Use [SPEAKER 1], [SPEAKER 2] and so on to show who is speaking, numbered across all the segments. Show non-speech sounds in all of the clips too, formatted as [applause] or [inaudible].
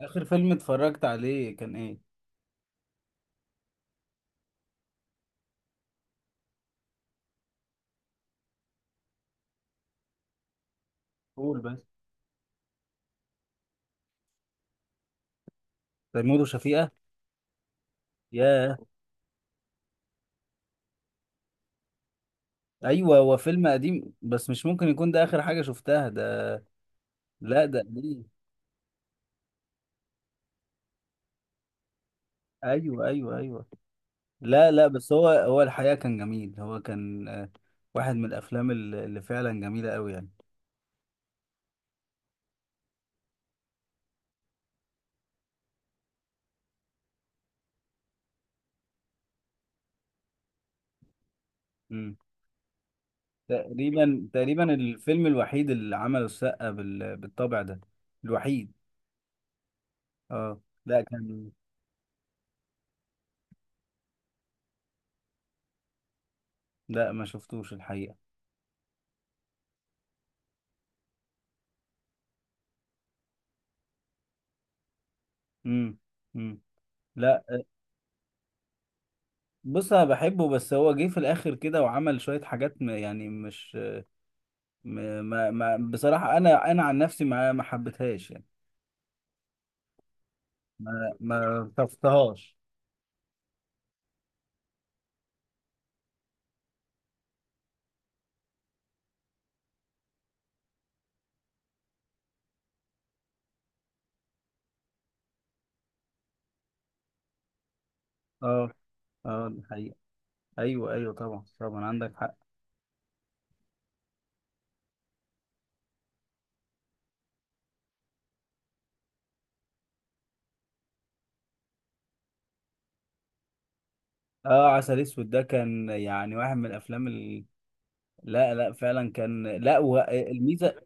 [SPEAKER 1] اخر فيلم اتفرجت عليه كان ايه؟ قول بس. تيمور وشفيقة. ياه. ايوه، هو فيلم قديم بس مش ممكن يكون ده اخر حاجة شفتها ده. لا، ده قديم. ايوه، ايوه، ايوه. لا، لا، بس هو الحقيقة كان جميل، هو كان واحد من الافلام اللي فعلا جميلة قوي يعني. امم. تقريبا، تقريبا الفيلم الوحيد اللي عمله السقا بالطبع ده. الوحيد. اه، لا، كان. لا، ما شفتوش الحقيقة. امم. امم. لا. بص، انا بحبه بس هو جه في الاخر كده وعمل شويه حاجات يعني مش ما بصراحه انا عن نفسي ما حبيتهاش يعني. ما طفتهاش. اه، اه، دي حقيقة. ايوه، ايوه، طبعا، طبعا عندك حق. اه، عسل اسود ده كان يعني واحد من الافلام لا، لا، فعلا كان. لا، والميزه،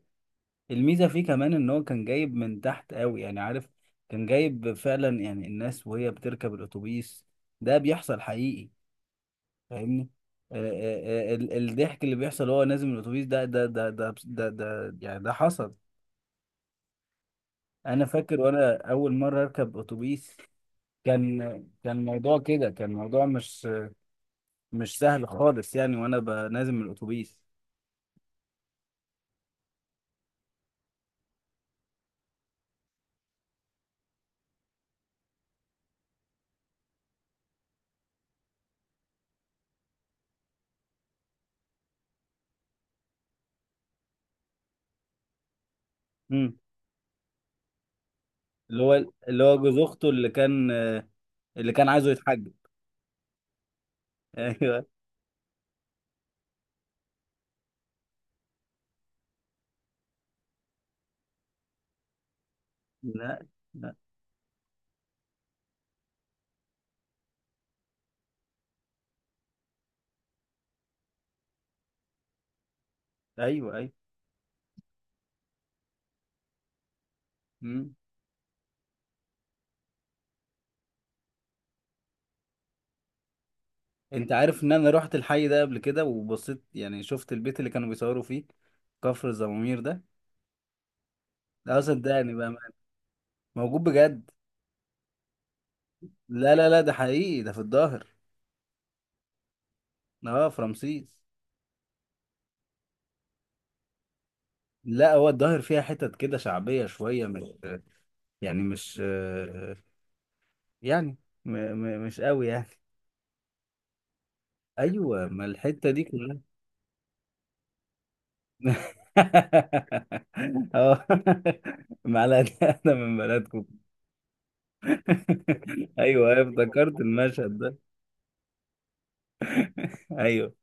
[SPEAKER 1] الميزه فيه كمان ان هو كان جايب من تحت قوي يعني، عارف. كان جايب فعلا يعني الناس وهي بتركب الاتوبيس. ده بيحصل حقيقي. فاهمني. الضحك اللي بيحصل وهو نازل من الاتوبيس ده يعني ده حصل. انا فاكر وانا اول مره اركب اتوبيس. كان كان الموضوع كده، كان الموضوع مش سهل خالص يعني، وانا نازل من الاتوبيس. امم. اللي هو اللي هو جوز اخته اللي كان اللي كان عايزه يتحجب. [laughs] ايوه. لا، لا. ايوه، ايوه. امم. انت عارف ان انا رحت الحي ده قبل كده وبصيت، يعني شفت البيت اللي كانوا بيصوروا فيه؟ كفر الزمامير ده. لا، صدقني بقى. موجود بجد. لا، لا، لا، ده حقيقي، ده في الظاهر. اه، في رمسيس. لا، هو الظاهر فيها حتت كده شعبية شوية، مش يعني مش يعني م م مش قوي يعني. ايوه، ما الحتة دي كلها. [laughs] اه. [laughs] معلقة. انا من بلدكم. [laughs] ايوه، أيوة، افتكرت المشهد ده. ايوه،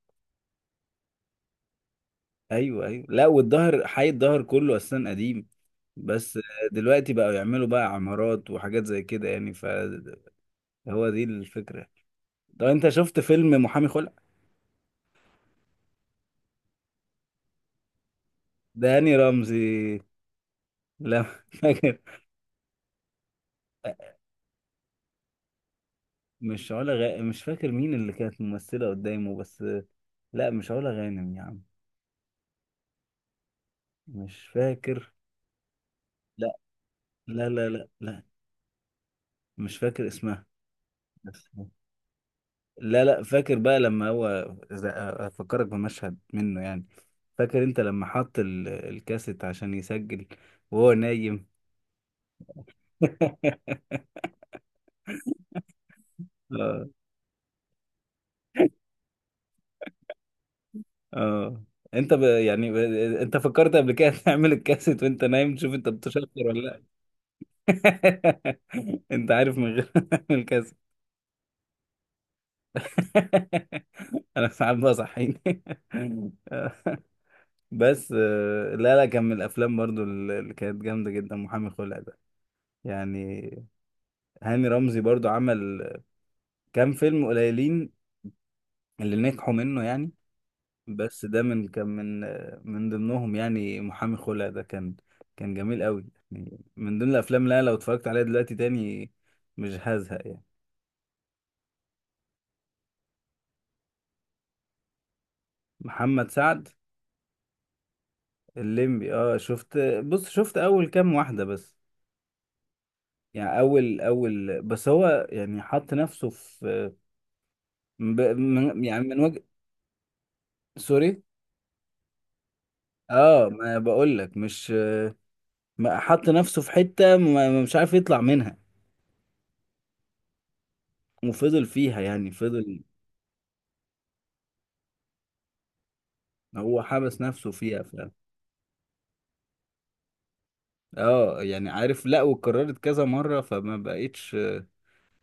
[SPEAKER 1] ايوه، ايوه. لا، والظهر، حي الظهر كله اصلا قديم. بس دلوقتي بقوا يعملوا بقى عمارات وحاجات زي كده يعني، فهو دي الفكره. طب انت شفت فيلم محامي خلع؟ داني رمزي. لا، [laughs] فاكر. مش علا غ... مش فاكر مين اللي كانت ممثله قدامه بس. لا، مش علا غانم يا عم. مش فاكر. لا، لا، لا، لا. لا، مش فاكر اسمها. لا، لا، فاكر بقى لما هو إذا- افكرك بمشهد منه يعني. فاكر انت لما حط الكاسيت عشان يسجل وهو نايم. [laughs] اه، اه، انت يعني انت فكرت قبل كده تعمل الكاسيت وانت نايم تشوف انت بتشفر ولا لا؟ [laughs] انت عارف من غير [laughs] الكاسيت. [laughs] انا ساعات بقى صحيني. [laughs] آه. بس لا، لا، كان من الافلام برضو اللي كانت جامده جدا، محامي خلع ده يعني. هاني رمزي برضو عمل كام فيلم قليلين اللي نجحوا منه يعني. بس ده من كان من ضمنهم، يعني محامي خلع ده كان جميل قوي، يعني من ضمن الافلام. لا، لو اتفرجت عليها دلوقتي تاني مش هزهق يعني. محمد سعد. الليمبي. اه، شفت. بص، شفت اول كام واحدة بس، يعني اول اول. بس هو يعني حط نفسه في من يعني من وجه. سوري. اه، ما بقول لك مش. ما حط نفسه في حتة مش عارف يطلع منها. وفضل فيها يعني، فضل. هو حبس نفسه فيها اه، يعني عارف، لا واتكررت كذا مرة فما بقتش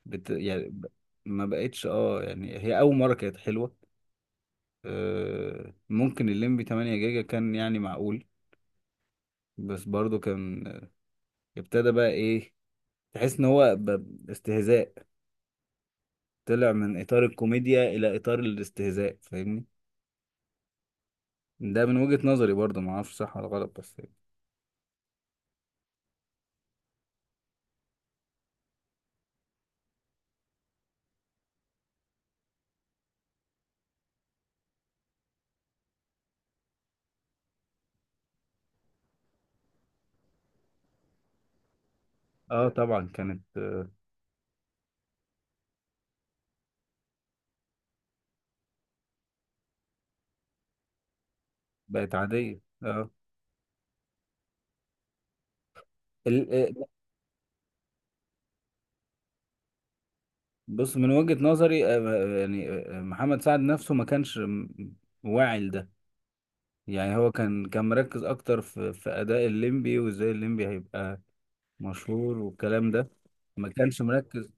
[SPEAKER 1] يعني ما بقتش. اه يعني هي أول مرة كانت حلوة. ممكن الليمبي 8 جيجا كان، يعني معقول. بس برضو كان ابتدى بقى ايه، تحس ان هو استهزاء. طلع من اطار الكوميديا الى اطار الاستهزاء، فاهمني؟ ده من وجهة نظري برضو، ما اعرفش صح ولا غلط بس. اه، طبعا كانت بقت عادية. اه. بص، من وجهة نظري يعني محمد سعد نفسه ما كانش واعي لده. يعني هو كان مركز اكتر في اداء الليمبي، وازاي الليمبي هيبقى مشهور والكلام ده. ما كانش مركز.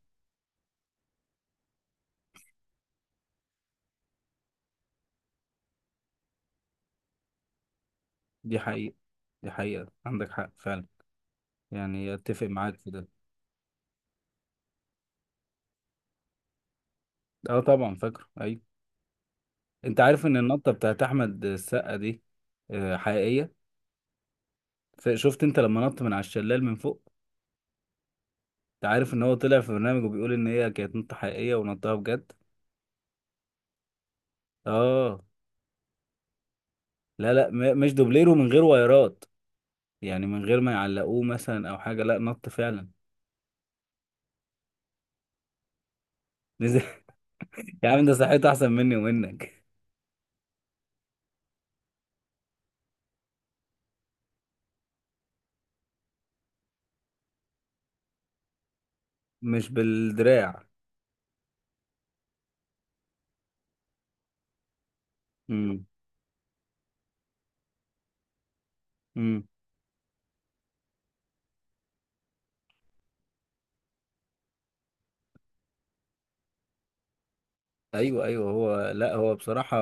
[SPEAKER 1] دي حقيقة. دي حقيقة، عندك حق فعلا. يعني اتفق معاك في ده. اه، طبعا فاكره، ايوه. انت عارف ان النطة بتاعت احمد السقا دي حقيقية؟ شفت انت لما نط من على الشلال من فوق؟ انت عارف ان هو طلع في برنامج وبيقول ان هي كانت نطة حقيقية ونطها بجد؟ اه. لا، لا، مش دوبليرو من غير وايرات، يعني من غير ما يعلقوه مثلا او حاجه، لا نط فعلا. نزل. [laughs] يا عم، ده صحته احسن مني ومنك. مش بالدراع. امم. امم. ايوه، ايوه، هو. لا، هو بصراحه،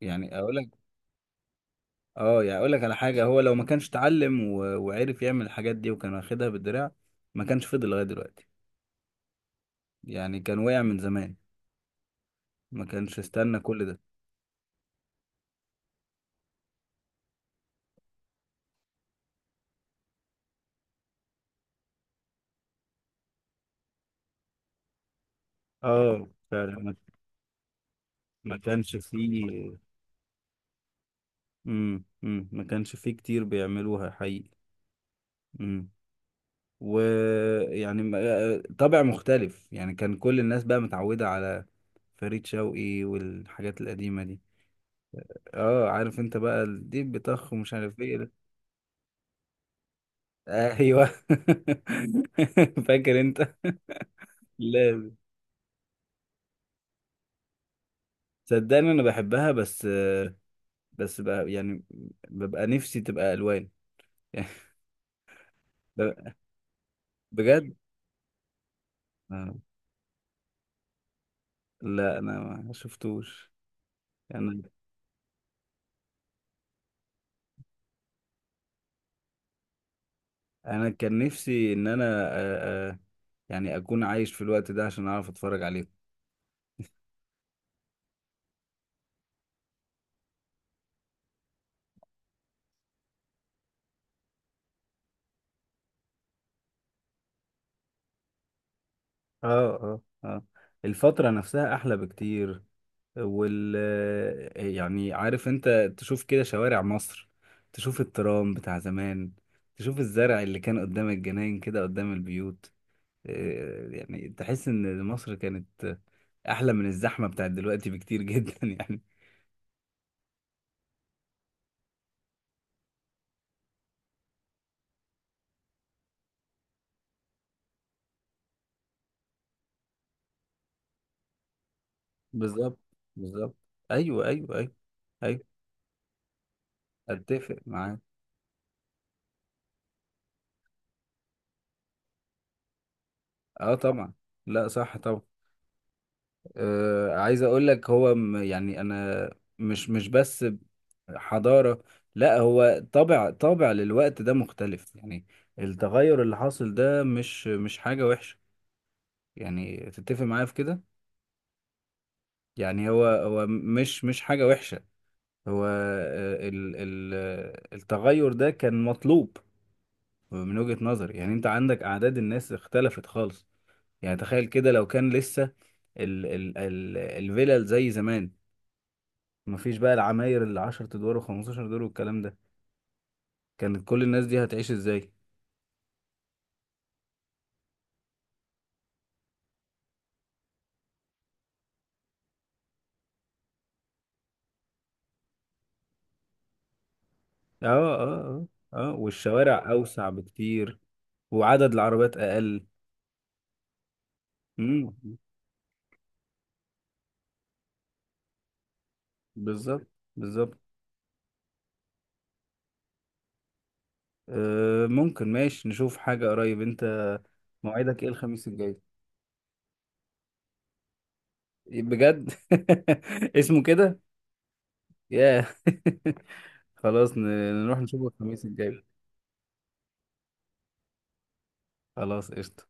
[SPEAKER 1] يعني اقول لك. اه، يعني اقول لك على حاجه، هو لو ما كانش اتعلم وعرف يعمل الحاجات دي وكان واخدها بالدراع ما كانش فضل لغايه دلوقتي. يعني كان وقع من زمان، ما كانش استنى كل ده. اه، فعلا ما كانش فيه. امم. امم. ما كانش فيه كتير بيعملوها حقيقي. امم. ويعني طابع مختلف، يعني كان كل الناس بقى متعودة على فريد شوقي والحاجات القديمة دي. اه، عارف انت بقى، الديب بطخ ومش عارف ايه ده. ايوه. [laughs] فاكر انت. لا، صدقني انا بحبها بس بس بقى يعني ببقى نفسي تبقى الوان. [laughs] ب- بجد. آه. لا، انا ما شفتوش. يعني انا كان نفسي ان انا يعني اكون عايش في الوقت ده عشان اعرف اتفرج عليهم. اه. اه. اه. الفترة نفسها احلى بكتير وال يعني عارف انت، تشوف كده شوارع مصر، تشوف الترام بتاع زمان، تشوف الزرع اللي كان قدام الجناين كده، قدام البيوت. يعني تحس ان مصر كانت احلى من الزحمة بتاعت دلوقتي بكتير، [laughs] جدا يعني. بالظبط. بالظبط. ايوه، ايوه، ايوه. ايوه، اتفق معاك. اه، طبعا. لا، صح طبعا. عايز اقول لك هو يعني انا مش بس حضارة. لا، هو طابع طابع للوقت ده مختلف يعني. التغير اللي حاصل ده مش حاجة وحشة، يعني تتفق معايا في كده؟ يعني هو مش حاجة وحشة. هو آه، ال ال آه، التغير ده كان مطلوب من وجهة نظري، يعني انت عندك اعداد الناس اختلفت خالص. يعني تخيل كده لو كان لسه ال ال ال الفلل زي زمان، مفيش بقى العماير اللي 10 ادوار و15 دور والكلام ده، كانت كل الناس دي هتعيش ازاي؟ اه، اه، اه، اه، والشوارع اوسع بكتير، وعدد العربيات اقل. امم. بالظبط. بالظبط. آه، ممكن، ماشي نشوف حاجة قريب انت. موعدك ايه الخميس الجاي؟ بجد. [laughs] اسمه كده؟ ياه. [laughs] خلاص، نروح نشوفه الخميس الجاي. خلاص، قشطة.